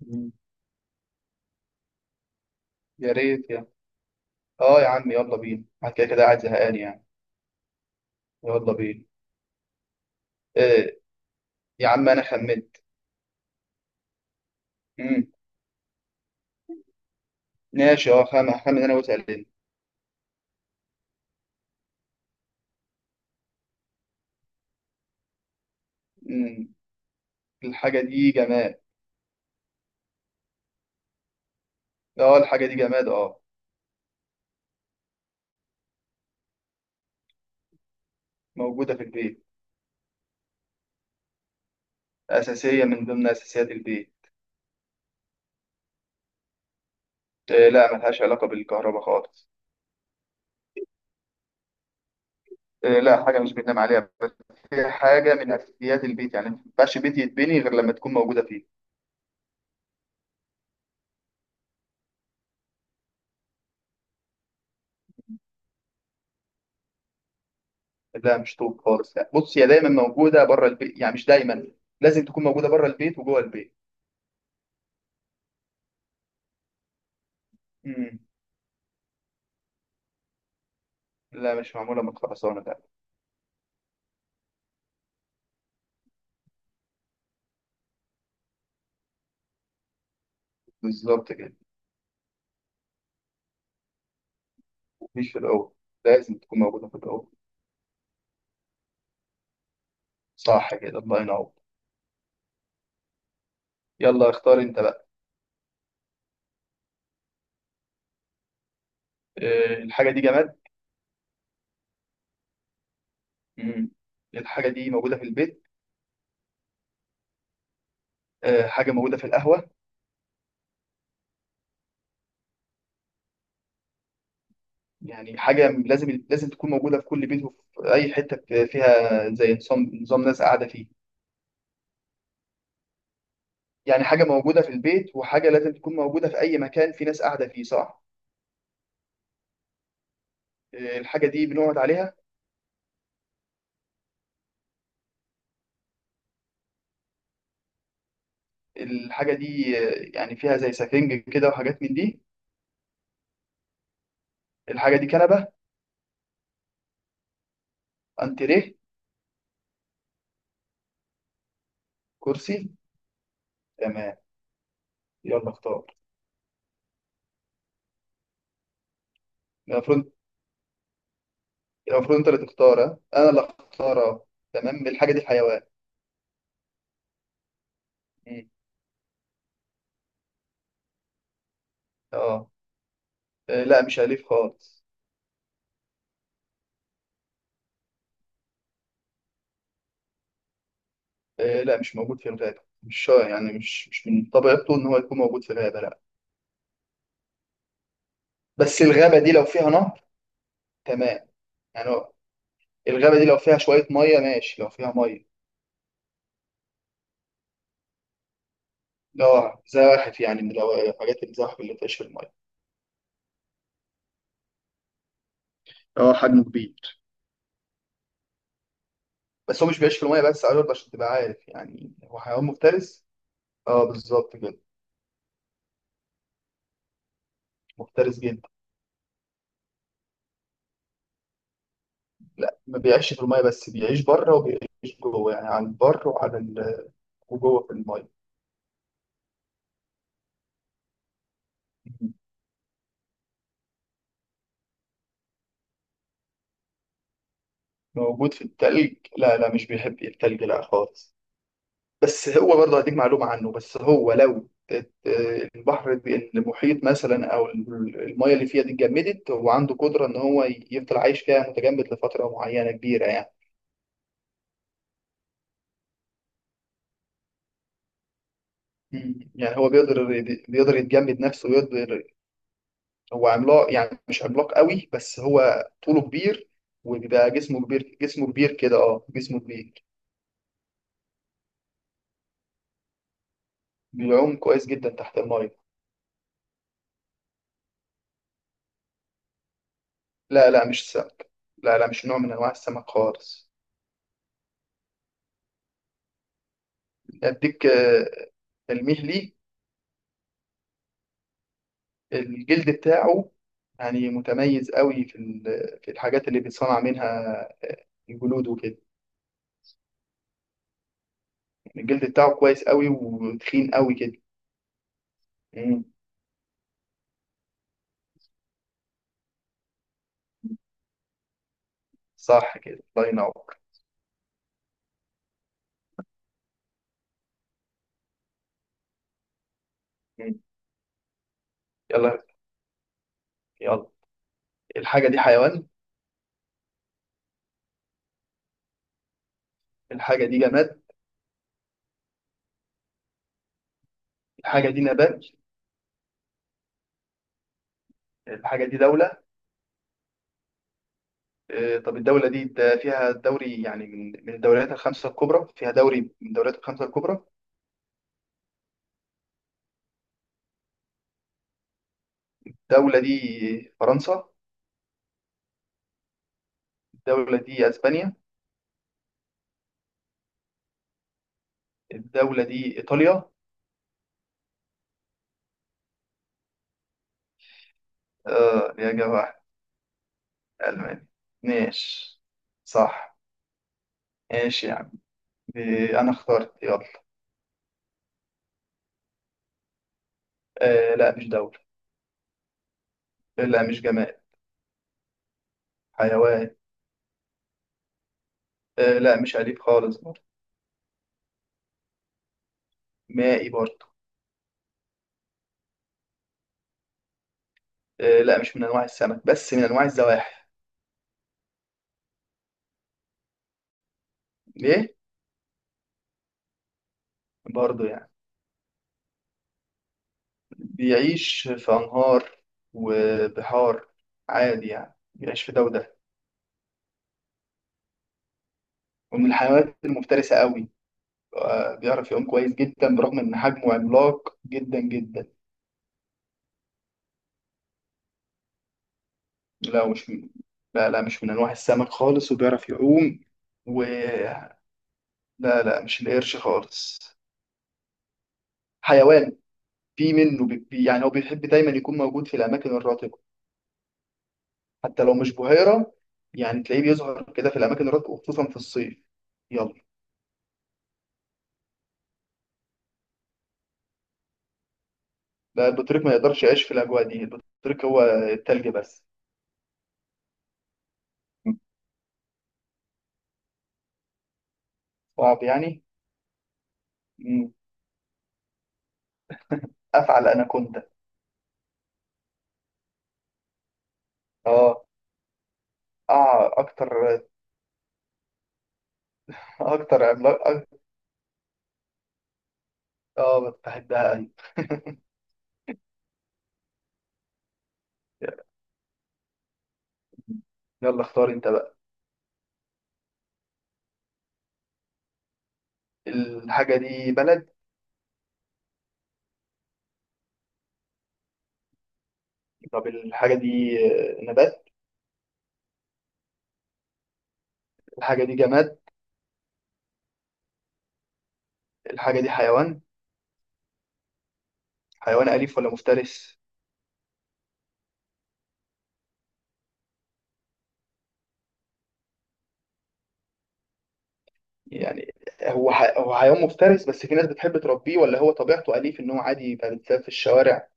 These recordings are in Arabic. مم. يا ريت يا. اه يا عم، يلا بينا، انا كده كده قاعد زهقان يعني. يلا بينا. آه يا عم انا خمنت. مم. ماشي، اه، هخمن انا وانت قاعدين. مم. الحاجه دي جماد. اه الحاجه دي جماد، اه موجوده في البيت. اساسيه من ضمن اساسيات البيت. آه لا، ملهاش علاقه بالكهرباء خالص. آه لا، حاجه مش بننام عليها بس. هي حاجه من اساسيات البيت، يعني ما ينفعش بيت يتبني غير لما تكون موجوده فيه. لا مش طوب خالص، يعني بص، هي دايما موجوده بره البيت، يعني مش دايما. لازم تكون موجوده بره البيت وجوه البيت. مم. لا مش معمولة من خرسانة، لا. بالظبط كده. مفيش في الأول. لازم تكون موجودة في الأول. صح كده، الله ينور. يلا اختار أنت بقى. أه الحاجة دي جماد. مم. الحاجة دي موجودة في البيت. أه حاجة موجودة في القهوة. يعني حاجة لازم تكون موجودة في كل بيت، وفي أي حتة فيها، زي نظام نظام ناس قاعدة فيه. يعني حاجة موجودة في البيت، وحاجة لازم تكون موجودة في أي مكان في ناس قاعدة فيه، صح. أه الحاجة دي بنقعد عليها. الحاجة دي، يعني فيها زي سفنج كده وحاجات من دي. الحاجة دي كنبة. انتريه. كرسي. تمام. يلا اختار. المفروض المفروض انت اللي تختار، ها؟ انا اللي اختار، اه. تمام الحاجه دي حيوان. مم. اه. آه، لا مش اليف خالص. آه، لا مش موجود في الغابه، مش يعني، مش من طبيعته ان هو يكون موجود في الغابه، لا. بس الغابه دي لو فيها نهر. تمام. يعني هو. الغابه دي لو فيها شويه ميه، ماشي، لو فيها ميه. اه زواحف، يعني من حاجات الزواحف اللي بتعيش في الميه. اه حجمه كبير. بس هو مش بيعيش في الميه بس، عايز برضه عشان تبقى عارف يعني هو حيوان مفترس. اه بالظبط كده. مفترس جدا. لا، ما بيعيش في المايه بس، بيعيش بره وبيعيش جوه، يعني على البر وعلى وجوه في المايه. موجود في التلج؟ لا لا مش بيحب التلج، لا خالص. بس هو برضه هديك معلومة عنه، بس هو لو المحيط مثلا، او المايه اللي فيها دي اتجمدت، هو عنده قدرة ان هو يفضل عايش فيها متجمد لفترة معينة كبيرة يعني. مم. يعني هو بيقدر. بيقدر يتجمد نفسه، ويقدر. هو عملاق، يعني مش عملاق قوي، بس هو طوله كبير. وبيبقى جسمه كبير، جسمه كبير كده، اه جسمه كبير. بيعوم كويس جدا تحت المايه. لا لا مش سمك. لا لا مش نوع من انواع السمك خالص. اديك تلميح ليه. الجلد بتاعه، يعني متميز قوي في الحاجات اللي بيتصنع منها الجلود وكده. يعني الجلد بتاعه كويس قوي وتخين قوي كده. مم. صح كده، الله ينور. مم. يلا يلا. الحاجة دي حيوان. الحاجة دي جماد. الحاجه دي نبات. الحاجه دي دوله. طب الدوله دي ده فيها دوري، يعني من الدوريات الخمسه الكبرى، فيها دوري من الدوريات الخمسه الكبرى. الدوله دي فرنسا. الدوله دي اسبانيا. الدوله دي ايطاليا. اه يا جماعه. المانيا. ماشي. صح. ماشي يعني. انا اخترت. يلا. آه لا مش دوله. لا مش جماد. حيوان. آه لا مش اليف خالص برضه. مائي برضه. آه لا مش من انواع السمك، بس من انواع الزواحف. ليه؟ برضه يعني. بيعيش في أنهار وبحار، عادي، يعني بيعيش في ده وده. ومن الحيوانات المفترسة قوي. بيعرف يعوم كويس جدا، برغم إن حجمه عملاق جدا جدا. لا مش من. لا لا مش من أنواع السمك خالص، وبيعرف يعوم. و لا لا مش القرش خالص. حيوان. في منه بي... بي- يعني هو بيحب دايما يكون موجود في الأماكن الرطبة، حتى لو مش بحيرة. يعني تلاقيه بيظهر كده في الأماكن الرطبة، وخصوصا في الصيف. لا، البطريق ما يقدرش يعيش في الاجواء دي، البطريق هو التلج بس. صعب يعني. مم. افعل اناكوندا. اه اه اكتر. اكتر عملاق اه. بحبها أوي. يلا اختار انت بقى. الحاجه دي بلد. طب الحاجه دي نبات. الحاجه دي جماد. الحاجه دي حيوان. حيوان اليف ولا مفترس؟ يعني هو هو حيوان مفترس، بس في ناس بتحب تربيه، ولا هو طبيعته اليف ان هو عادي يبقى بيتلعب في الشوارع.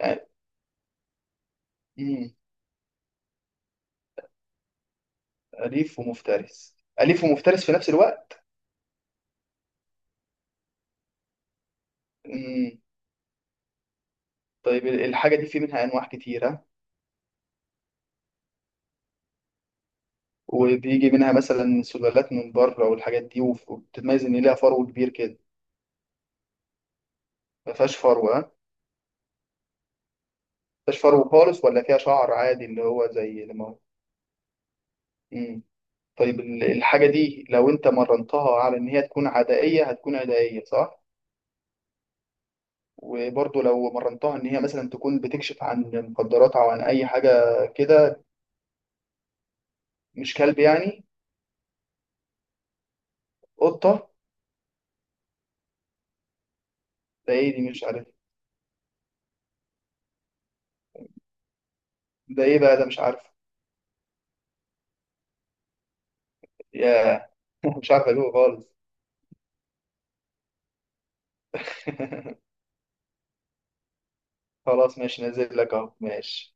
يعني. مم. أليف ومفترس. أليف ومفترس في نفس الوقت. مم. طيب الحاجة دي في منها أنواع كتيرة، وبيجي منها مثلا سلالات من بره والحاجات دي، وبتتميز إن ليها فرو كبير كده. ما فيهاش فرو، ها، ما فيهاش فرو خالص، ولا فيها شعر عادي اللي هو زي لما هو. مم. طيب الحاجة دي لو أنت مرنتها على إن هي تكون عدائية هتكون عدائية، صح؟ وبرضه لو مرنتها إن هي مثلا تكون بتكشف عن مخدرات أو عن أي حاجة كده. مش كلب يعني. قطة. ده إيه دي، مش عارف. ده إيه بقى ده، مش عارف. يا. مش عارف اجيبه خالص. خلاص ماشي، نازل لك اهو، ماشي.